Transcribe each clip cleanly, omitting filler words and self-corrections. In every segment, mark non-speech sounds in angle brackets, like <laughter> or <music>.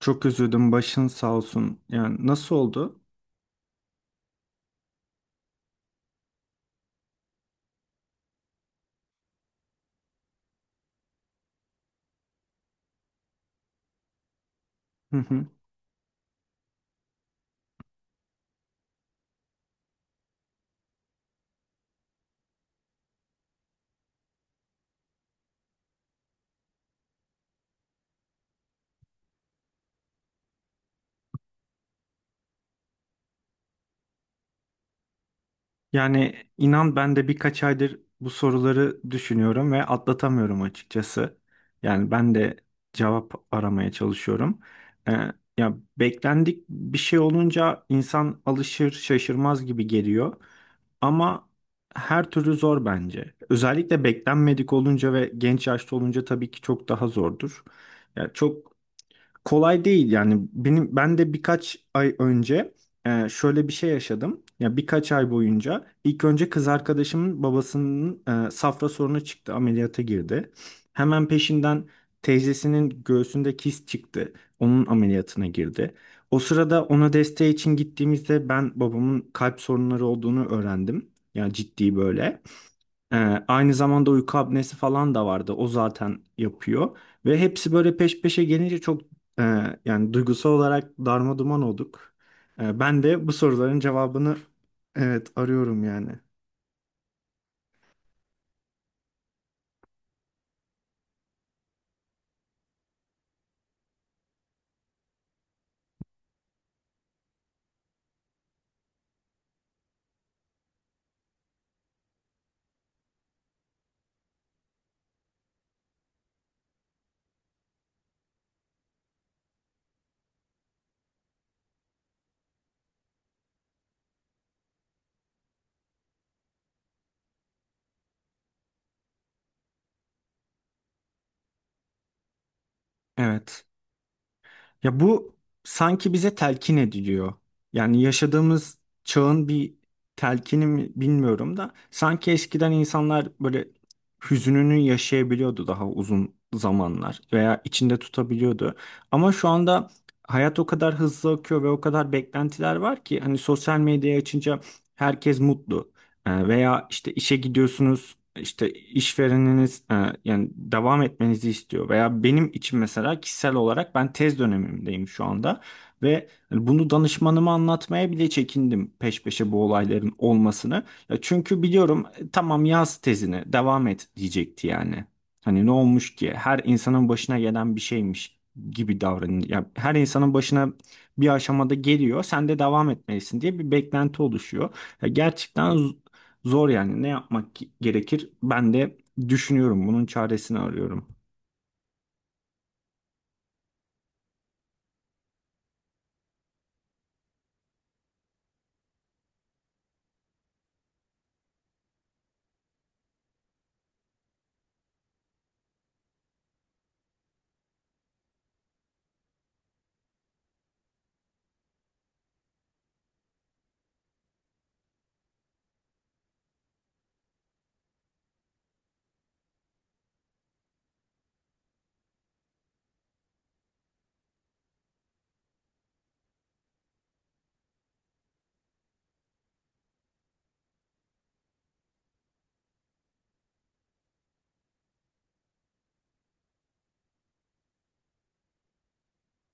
Çok üzüldüm. Başın sağ olsun. Yani nasıl oldu? Hı hı. Yani inan ben de birkaç aydır bu soruları düşünüyorum ve atlatamıyorum açıkçası. Yani ben de cevap aramaya çalışıyorum. Ee, ya beklendik bir şey olunca insan alışır şaşırmaz gibi geliyor. Ama her türlü zor bence. Özellikle beklenmedik olunca ve genç yaşta olunca tabii ki çok daha zordur. Ya çok kolay değil yani ben de birkaç ay önce şöyle bir şey yaşadım. Ya birkaç ay boyunca ilk önce kız arkadaşımın babasının safra sorunu çıktı, ameliyata girdi. Hemen peşinden teyzesinin göğsünde kist çıktı. Onun ameliyatına girdi. O sırada ona desteği için gittiğimizde ben babamın kalp sorunları olduğunu öğrendim. Yani ciddi böyle. Ee, aynı zamanda uyku apnesi falan da vardı. O zaten yapıyor. Ve hepsi böyle peş peşe gelince çok e, yani duygusal olarak darma duman olduk. Ben de bu soruların cevabını, evet, arıyorum yani. Evet. Ya bu sanki bize telkin ediliyor. Yani yaşadığımız çağın bir telkini mi bilmiyorum da sanki eskiden insanlar böyle hüzününü yaşayabiliyordu daha uzun zamanlar veya içinde tutabiliyordu. Ama şu anda hayat o kadar hızlı akıyor ve o kadar beklentiler var ki hani sosyal medyayı açınca herkes mutlu. Veya işte işe gidiyorsunuz, işte işvereniniz yani devam etmenizi istiyor veya benim için mesela kişisel olarak ben tez dönemimdeyim şu anda ve hani bunu danışmanıma anlatmaya bile çekindim peş peşe bu olayların olmasını. Ya çünkü biliyorum, tamam yaz tezini devam et diyecekti yani. Hani ne olmuş ki her insanın başına gelen bir şeymiş gibi davranıyor. Ya her insanın başına bir aşamada geliyor. Sen de devam etmelisin diye bir beklenti oluşuyor. Ya gerçekten zor yani. Ne yapmak gerekir? Ben de düşünüyorum, bunun çaresini arıyorum.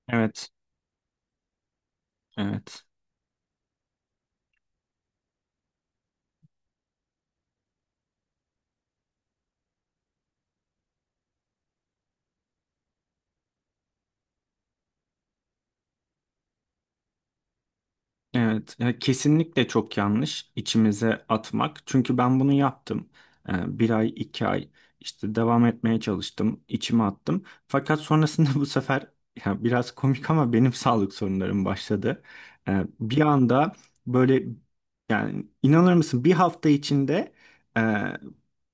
Evet, evet. Evet, ya kesinlikle çok yanlış içimize atmak. Çünkü ben bunu yaptım. Bir ay, iki ay işte devam etmeye çalıştım, içime attım. Fakat sonrasında <laughs> bu sefer ya biraz komik ama benim sağlık sorunlarım başladı. Bir anda böyle, yani inanır mısın, bir hafta içinde e,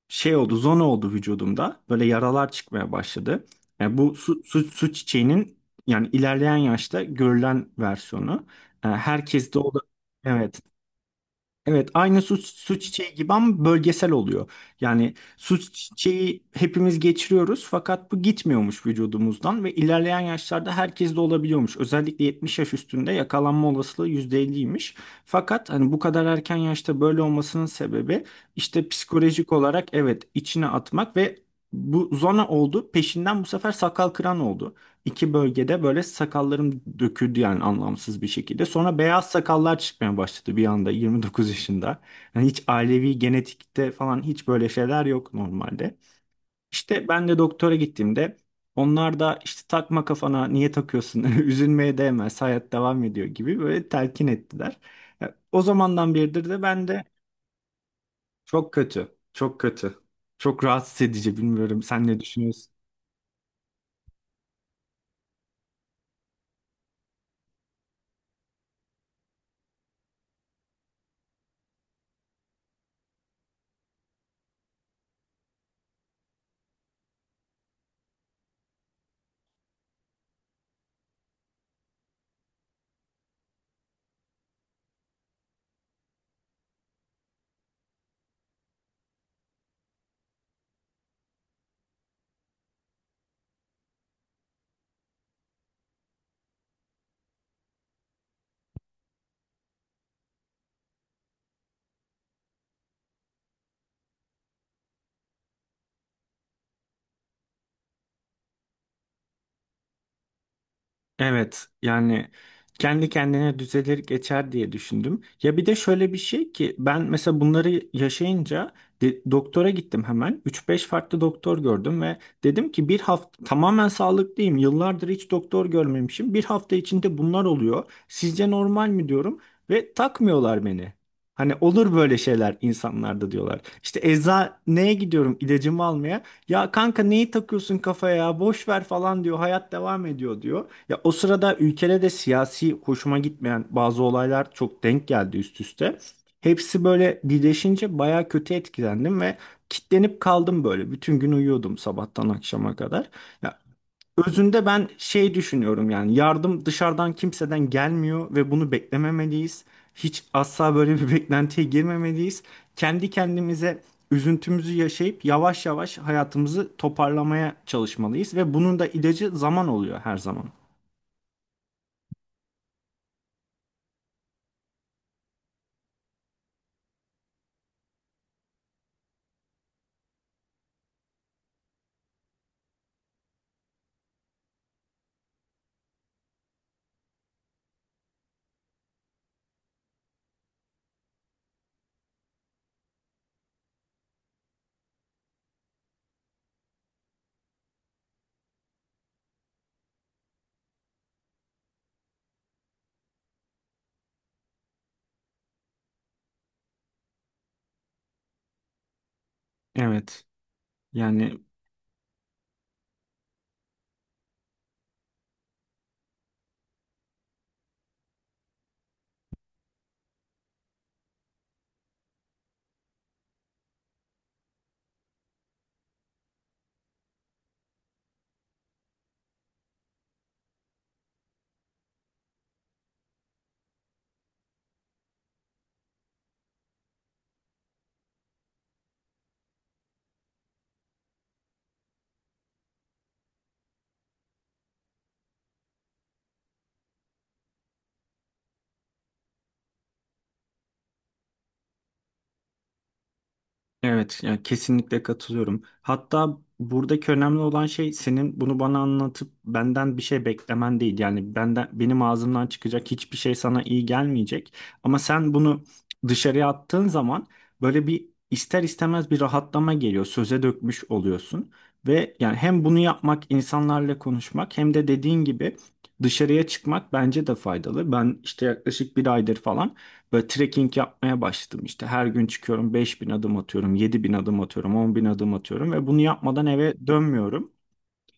şey oldu, zona oldu vücudumda. Böyle yaralar çıkmaya başladı. Yani bu su çiçeğinin yani ilerleyen yaşta görülen versiyonu. Herkes de o da evet. Evet, aynı su çiçeği gibi ama bölgesel oluyor. Yani su çiçeği hepimiz geçiriyoruz fakat bu gitmiyormuş vücudumuzdan ve ilerleyen yaşlarda herkes de olabiliyormuş. Özellikle 70 yaş üstünde yakalanma olasılığı %50'ymiş. Fakat hani bu kadar erken yaşta böyle olmasının sebebi işte psikolojik olarak, evet, içine atmak ve bu zona oldu. Peşinden bu sefer sakal kıran oldu, iki bölgede böyle sakallarım döküldü yani anlamsız bir şekilde. Sonra beyaz sakallar çıkmaya başladı bir anda, 29 yaşında. Yani hiç ailevi genetikte falan hiç böyle şeyler yok normalde. İşte ben de doktora gittiğimde onlar da işte takma kafana, niye takıyorsun <laughs> üzülmeye değmez, hayat devam ediyor gibi böyle telkin ettiler. Ya, o zamandan beridir de ben de çok kötü, çok kötü, çok rahatsız edici. Bilmiyorum, sen ne düşünüyorsun? Evet yani kendi kendine düzelir geçer diye düşündüm. Ya bir de şöyle bir şey ki, ben mesela bunları yaşayınca doktora gittim hemen. Üç beş farklı doktor gördüm ve dedim ki bir hafta tamamen sağlıklıyım. Yıllardır hiç doktor görmemişim. Bir hafta içinde bunlar oluyor. Sizce normal mi diyorum ve takmıyorlar beni. Hani olur böyle şeyler insanlarda diyorlar. İşte eczaneye gidiyorum ilacımı almaya. Ya kanka neyi takıyorsun kafaya ya, boş ver falan diyor. Hayat devam ediyor diyor. Ya o sırada ülkede de siyasi hoşuma gitmeyen bazı olaylar çok denk geldi üst üste. Hepsi böyle birleşince baya kötü etkilendim ve kitlenip kaldım böyle. Bütün gün uyuyordum sabahtan akşama kadar. Ya özünde ben şey düşünüyorum, yani yardım dışarıdan kimseden gelmiyor ve bunu beklememeliyiz. Hiç asla böyle bir <laughs> beklentiye girmemeliyiz. Kendi kendimize üzüntümüzü yaşayıp yavaş yavaş hayatımızı toparlamaya çalışmalıyız ve bunun da ilacı zaman oluyor her zaman. Evet. Yani evet, yani kesinlikle katılıyorum. Hatta buradaki önemli olan şey senin bunu bana anlatıp benden bir şey beklemen değil. Yani benden, benim ağzımdan çıkacak hiçbir şey sana iyi gelmeyecek. Ama sen bunu dışarıya attığın zaman böyle bir ister istemez bir rahatlama geliyor. Söze dökmüş oluyorsun ve yani hem bunu yapmak, insanlarla konuşmak, hem de dediğin gibi dışarıya çıkmak bence de faydalı. Ben işte yaklaşık bir aydır falan böyle trekking yapmaya başladım işte. Her gün çıkıyorum, 5.000 adım atıyorum, 7.000 adım atıyorum, 10.000 adım atıyorum ve bunu yapmadan eve dönmüyorum.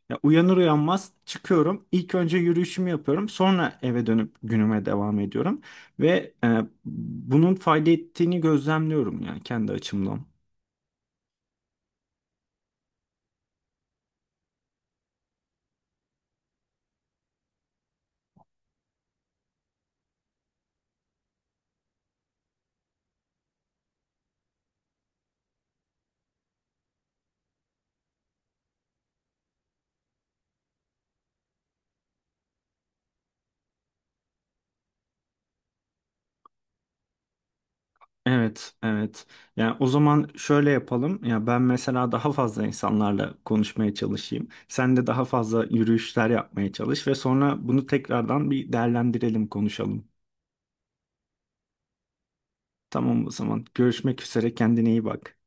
Ya uyanır uyanmaz çıkıyorum. İlk önce yürüyüşümü yapıyorum. Sonra eve dönüp günüme devam ediyorum. Ve bunun fayda ettiğini gözlemliyorum yani kendi açımdan. Evet, evet. Yani o zaman şöyle yapalım. Ya ben mesela daha fazla insanlarla konuşmaya çalışayım. Sen de daha fazla yürüyüşler yapmaya çalış ve sonra bunu tekrardan bir değerlendirelim, konuşalım. Tamam o zaman. Görüşmek üzere. Kendine iyi bak.